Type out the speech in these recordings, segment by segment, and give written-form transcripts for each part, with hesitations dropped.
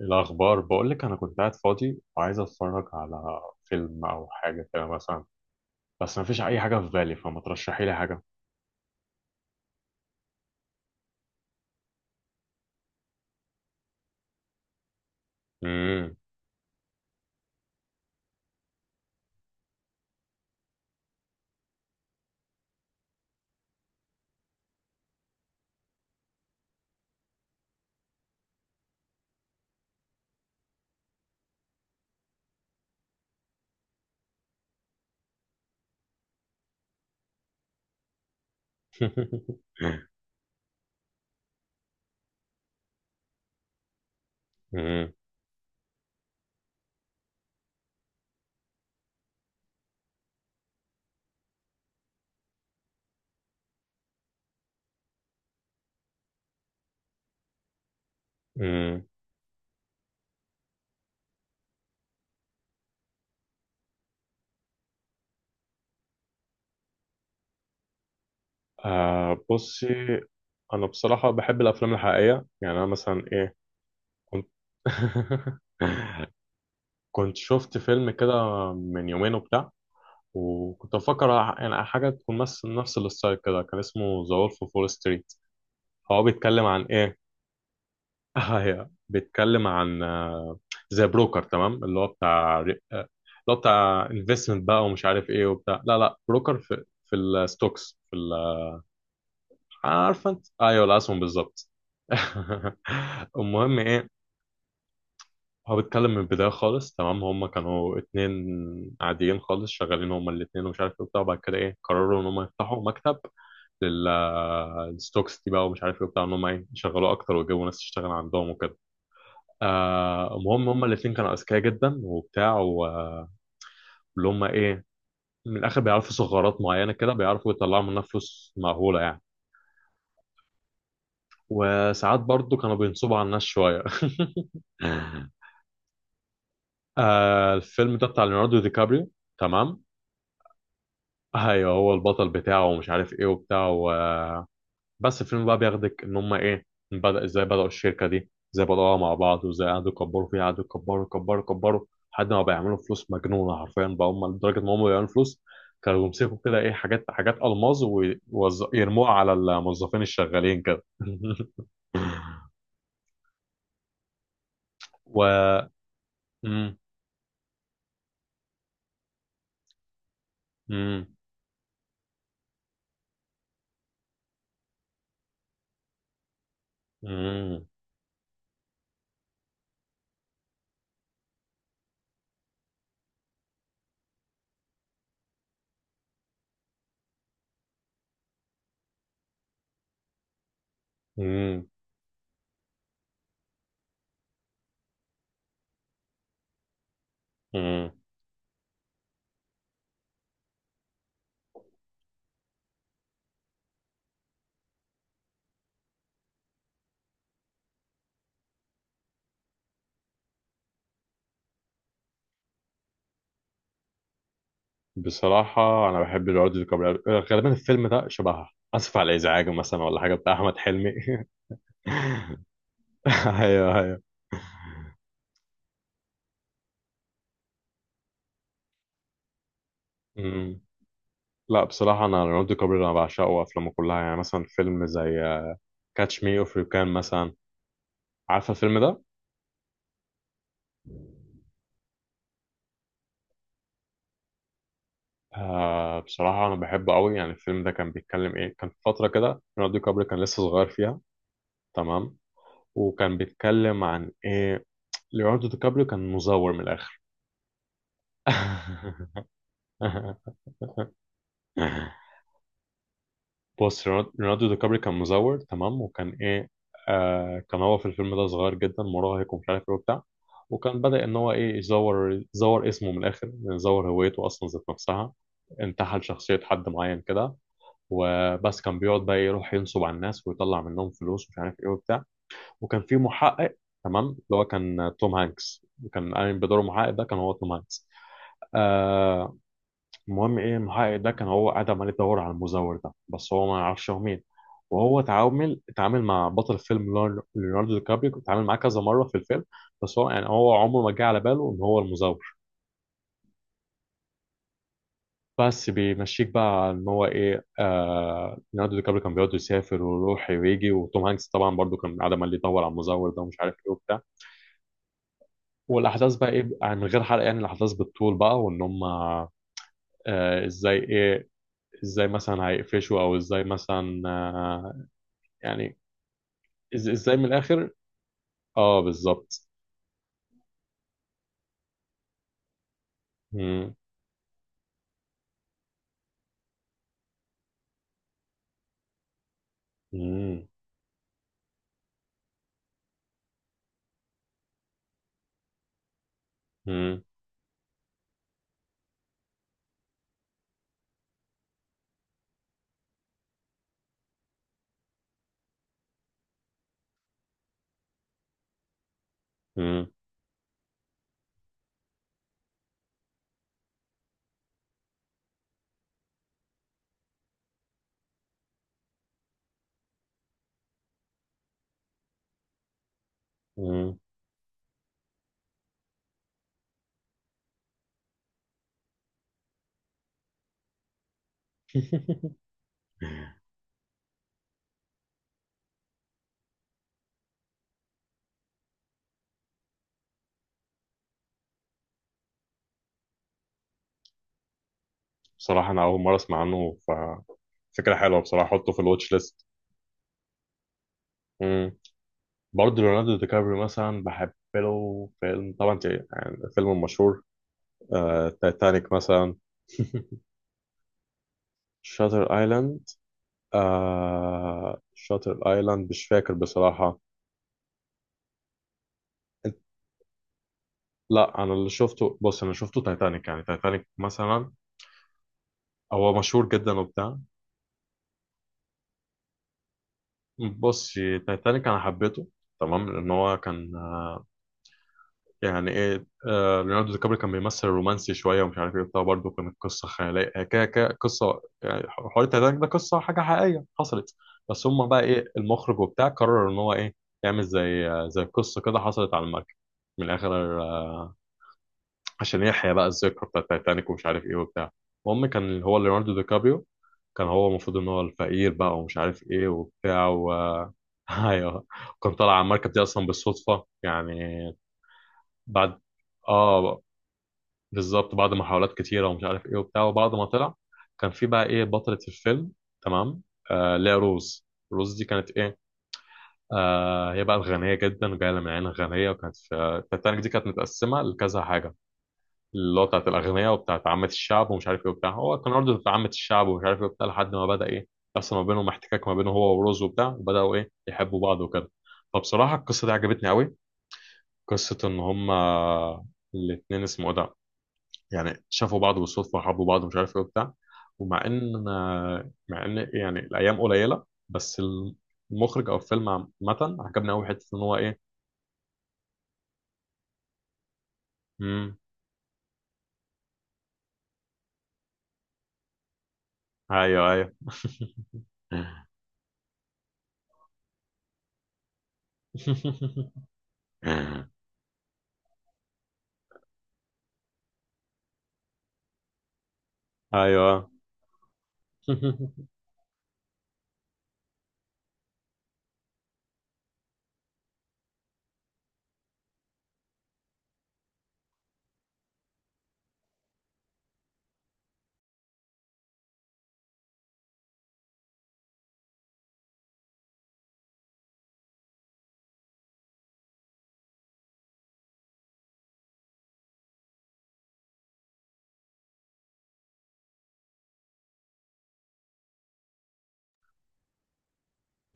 الأخبار بقولك، أنا كنت قاعد فاضي وعايز أتفرج على فيلم أو حاجة كده مثلا، بس مفيش أي حاجة في بالي، فما ترشحي لي حاجة. مم. مم. مم. بصي، أنا بصراحة بحب الأفلام الحقيقية. يعني أنا مثلا كنت، كنت شفت فيلم كده من يومين وبتاع، وكنت بفكر يعني حاجة تكون مثل نفس الستايل كده. كان اسمه ذا وولف أوف وول ستريت. هو بيتكلم عن إيه؟ هي بيتكلم عن زي بروكر، تمام؟ اللي هو بتاع اللي هو بتاع انفستمنت بقى ومش عارف ايه وبتاع. لا لا، بروكر في الستوكس، عارفه انت؟ ايوه، الاسهم بالظبط. المهم ايه، هو بيتكلم من البدايه خالص. تمام؟ هم كانوا اتنين عاديين خالص، شغالين هم الاتنين ومش عارف ايه وبتاع، وبعد كده ايه، قرروا ان هم يفتحوا مكتب للستوكس دي بقى ومش عارف ايه وبتاع، ان هم ايه، يشغلوه اكتر ويجيبوا ناس تشتغل عندهم وكده. المهم هما الاثنين كانوا اذكياء جدا وبتاع، واللي هما ايه، من الاخر بيعرفوا ثغرات معينه كده، بيعرفوا يطلعوا منها فلوس مهوله يعني. وساعات برضو كانوا بينصبوا على الناس شويه. الفيلم ده بتاع ليوناردو دي كابريو، تمام؟ ايوه، هو البطل بتاعه ومش عارف ايه وبتاع. بس الفيلم بقى بياخدك ان هم ايه، بدأ ازاي، بدأوا الشركة دي ازاي، بدأوها مع بعض، وازاي قعدوا يكبروا فيها، قعدوا يكبروا يكبروا يكبروا لحد ما بيعملوا فلوس مجنونة حرفيا بقى هم، لدرجة ان هم بيعملوا فلوس كانوا بيمسكوا كده ايه، حاجات ألماظ ويرموها على الموظفين الشغالين كده. و مم. مم. مم. مم. مم. بصراحة أنا بحب ليوناردو دي كابريو. غالبا الفيلم ده شبه آسف على الإزعاج مثلا ولا حاجة بتاع أحمد حلمي. ايوه ايوه. مم. لا بصراحة، أنا ليوناردو كابري أنا بعشقه، وأفلامه كلها. يعني مثلا فيلم زي كاتش مي أوف يو كان مثلا. عارفة الفيلم ده؟ بصراحة أنا بحبه قوي. يعني الفيلم ده كان بيتكلم إيه؟ كان في فترة كده ليوناردو كابري كان لسه صغير فيها. تمام؟ وكان بيتكلم عن إيه، ليوناردو كابري كان مزور من الآخر. بص، ليوناردو دي كابري كان مزور، تمام؟ وكان ايه، آه كان هو في الفيلم ده صغير جدا، مراهق ومش عارف ايه وبتاع. وكان بدأ ان هو ايه، يزور، يزور اسمه من الاخر، يعني يزور هويته اصلا ذات نفسها. انتحل شخصية حد معين كده. وبس كان بيقعد بقى يروح ينصب على الناس ويطلع منهم فلوس ومش عارف ايه وبتاع. وكان في محقق، تمام؟ اللي هو كان توم هانكس. كان قايم بدور محقق، ده كان هو توم هانكس. آه، المهم ايه، المحقق ده كان هو قاعد عمال يدور على المزور ده، بس هو ما يعرفش هو مين. وهو اتعامل مع بطل فيلم ليوناردو دي كابريو، اتعامل معاه كذا مره في الفيلم. بس هو يعني هو عمره ما جه على باله ان هو المزور. بس بيمشيك بقى ان هو ايه، آه ليوناردو دي كابريو كان بيقعد يسافر ويروح ويجي، وتوم هانكس طبعا برضو كان قاعد عمال يدور على المزور ده ومش عارف ايه وبتاع. والاحداث بقى ايه بقى، من غير حرق يعني، الاحداث بالطول بقى، وان هم آه ازاي ايه، ازاي مثلا هيقفشوا، او ازاي مثلا يعني ازاي من الاخر. اه بالظبط. مم، مم، مم، مم، مم. بصراحة أنا أول مرة أسمع عنه، ففكرة حلوة بصراحة، أحطه في الواتش ليست. مم. برضه ليوناردو دي كابريو مثلا، بحب له فيلم طبعا يعني فيلم مشهور، تايتانيك مثلا. شاتر ايلاند. آه شاتر ايلاند مش فاكر بصراحة. لا انا اللي شفته، بص، انا شفته تايتانيك، يعني تايتانيك مثلا. هو مشهور جدا وبتاع. بص، تايتانيك انا حبيته، تمام؟ لان هو كان يعني ايه، ليوناردو دي كابري كان بيمثل رومانسي شويه ومش عارف ايه وبتاع. برضه كانت قصه خياليه كده، كده قصه، يعني حوار تايتانيك ده قصه حاجه حقيقيه حصلت. بس هم بقى ايه، المخرج وبتاع قرر ان هو ايه، يعمل زي قصه كده حصلت على المركب من الاخر، عشان يحيى بقى الذكرى بتاع تايتانيك ومش عارف ايه وبتاع. المهم كان هو ليوناردو دي كابريو كان هو المفروض ان هو الفقير بقى ومش عارف ايه وبتاع. و ايوه. كان طالع على المركب دي اصلا بالصدفه يعني. بعد اه بالظبط، بعد محاولات كتيره ومش عارف ايه وبتاع، وبعد ما طلع كان في بقى ايه، بطله الفيلم، تمام؟ آه اللي هي روز. روز دي كانت ايه، آه هي بقى الغنيه جدا وجايه من عيله غنيه. وكانت في التايتانيك دي كانت متقسمه لكذا حاجه، اللي هو بتاعت الأغنياء وبتاعت عامة الشعب ومش عارف إيه وبتاع. هو كان برضه بتاع عامة الشعب ومش عارف إيه وبتاع، لحد ما بدأ إيه، يحصل ما بينهم احتكاك، ما بينه هو وروز وبتاع، وبدأوا إيه، يحبوا بعض وكده. فبصراحة القصة دي عجبتني أوي، قصة إن هما الاتنين اسمه إيه ده، يعني شافوا بعض بالصدفة وحبوا بعض ومش عارف إيه وبتاع. ومع إن، مع إن يعني الأيام قليلة، بس المخرج أو الفيلم عامة عجبني أوي، حتة إن هو إيه. مم. أيوه أيوه. أيوه.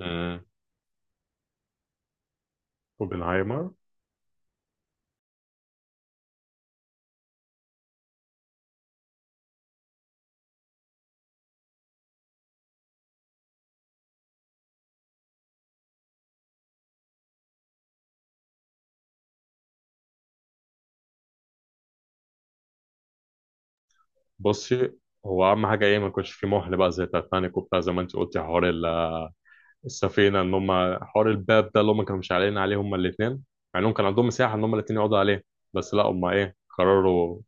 امم، اوبنهايمر. بصي، هو اهم حاجه ايه، ما يكونش في مهل بقى زي تايتانيك وبتاع، زي ما انت قلتي حوار السفينه، ان هم حوار الباب ده اللي هم كانوا مش علينا عليه هم الاثنين، مع انهم كان عندهم مساحه ان هم الاثنين يقعدوا عليه، بس لا هم ايه قرروا.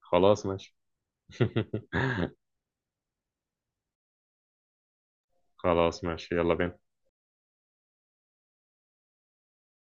خلاص ماشي. خلاص ماشي، يلا بينا.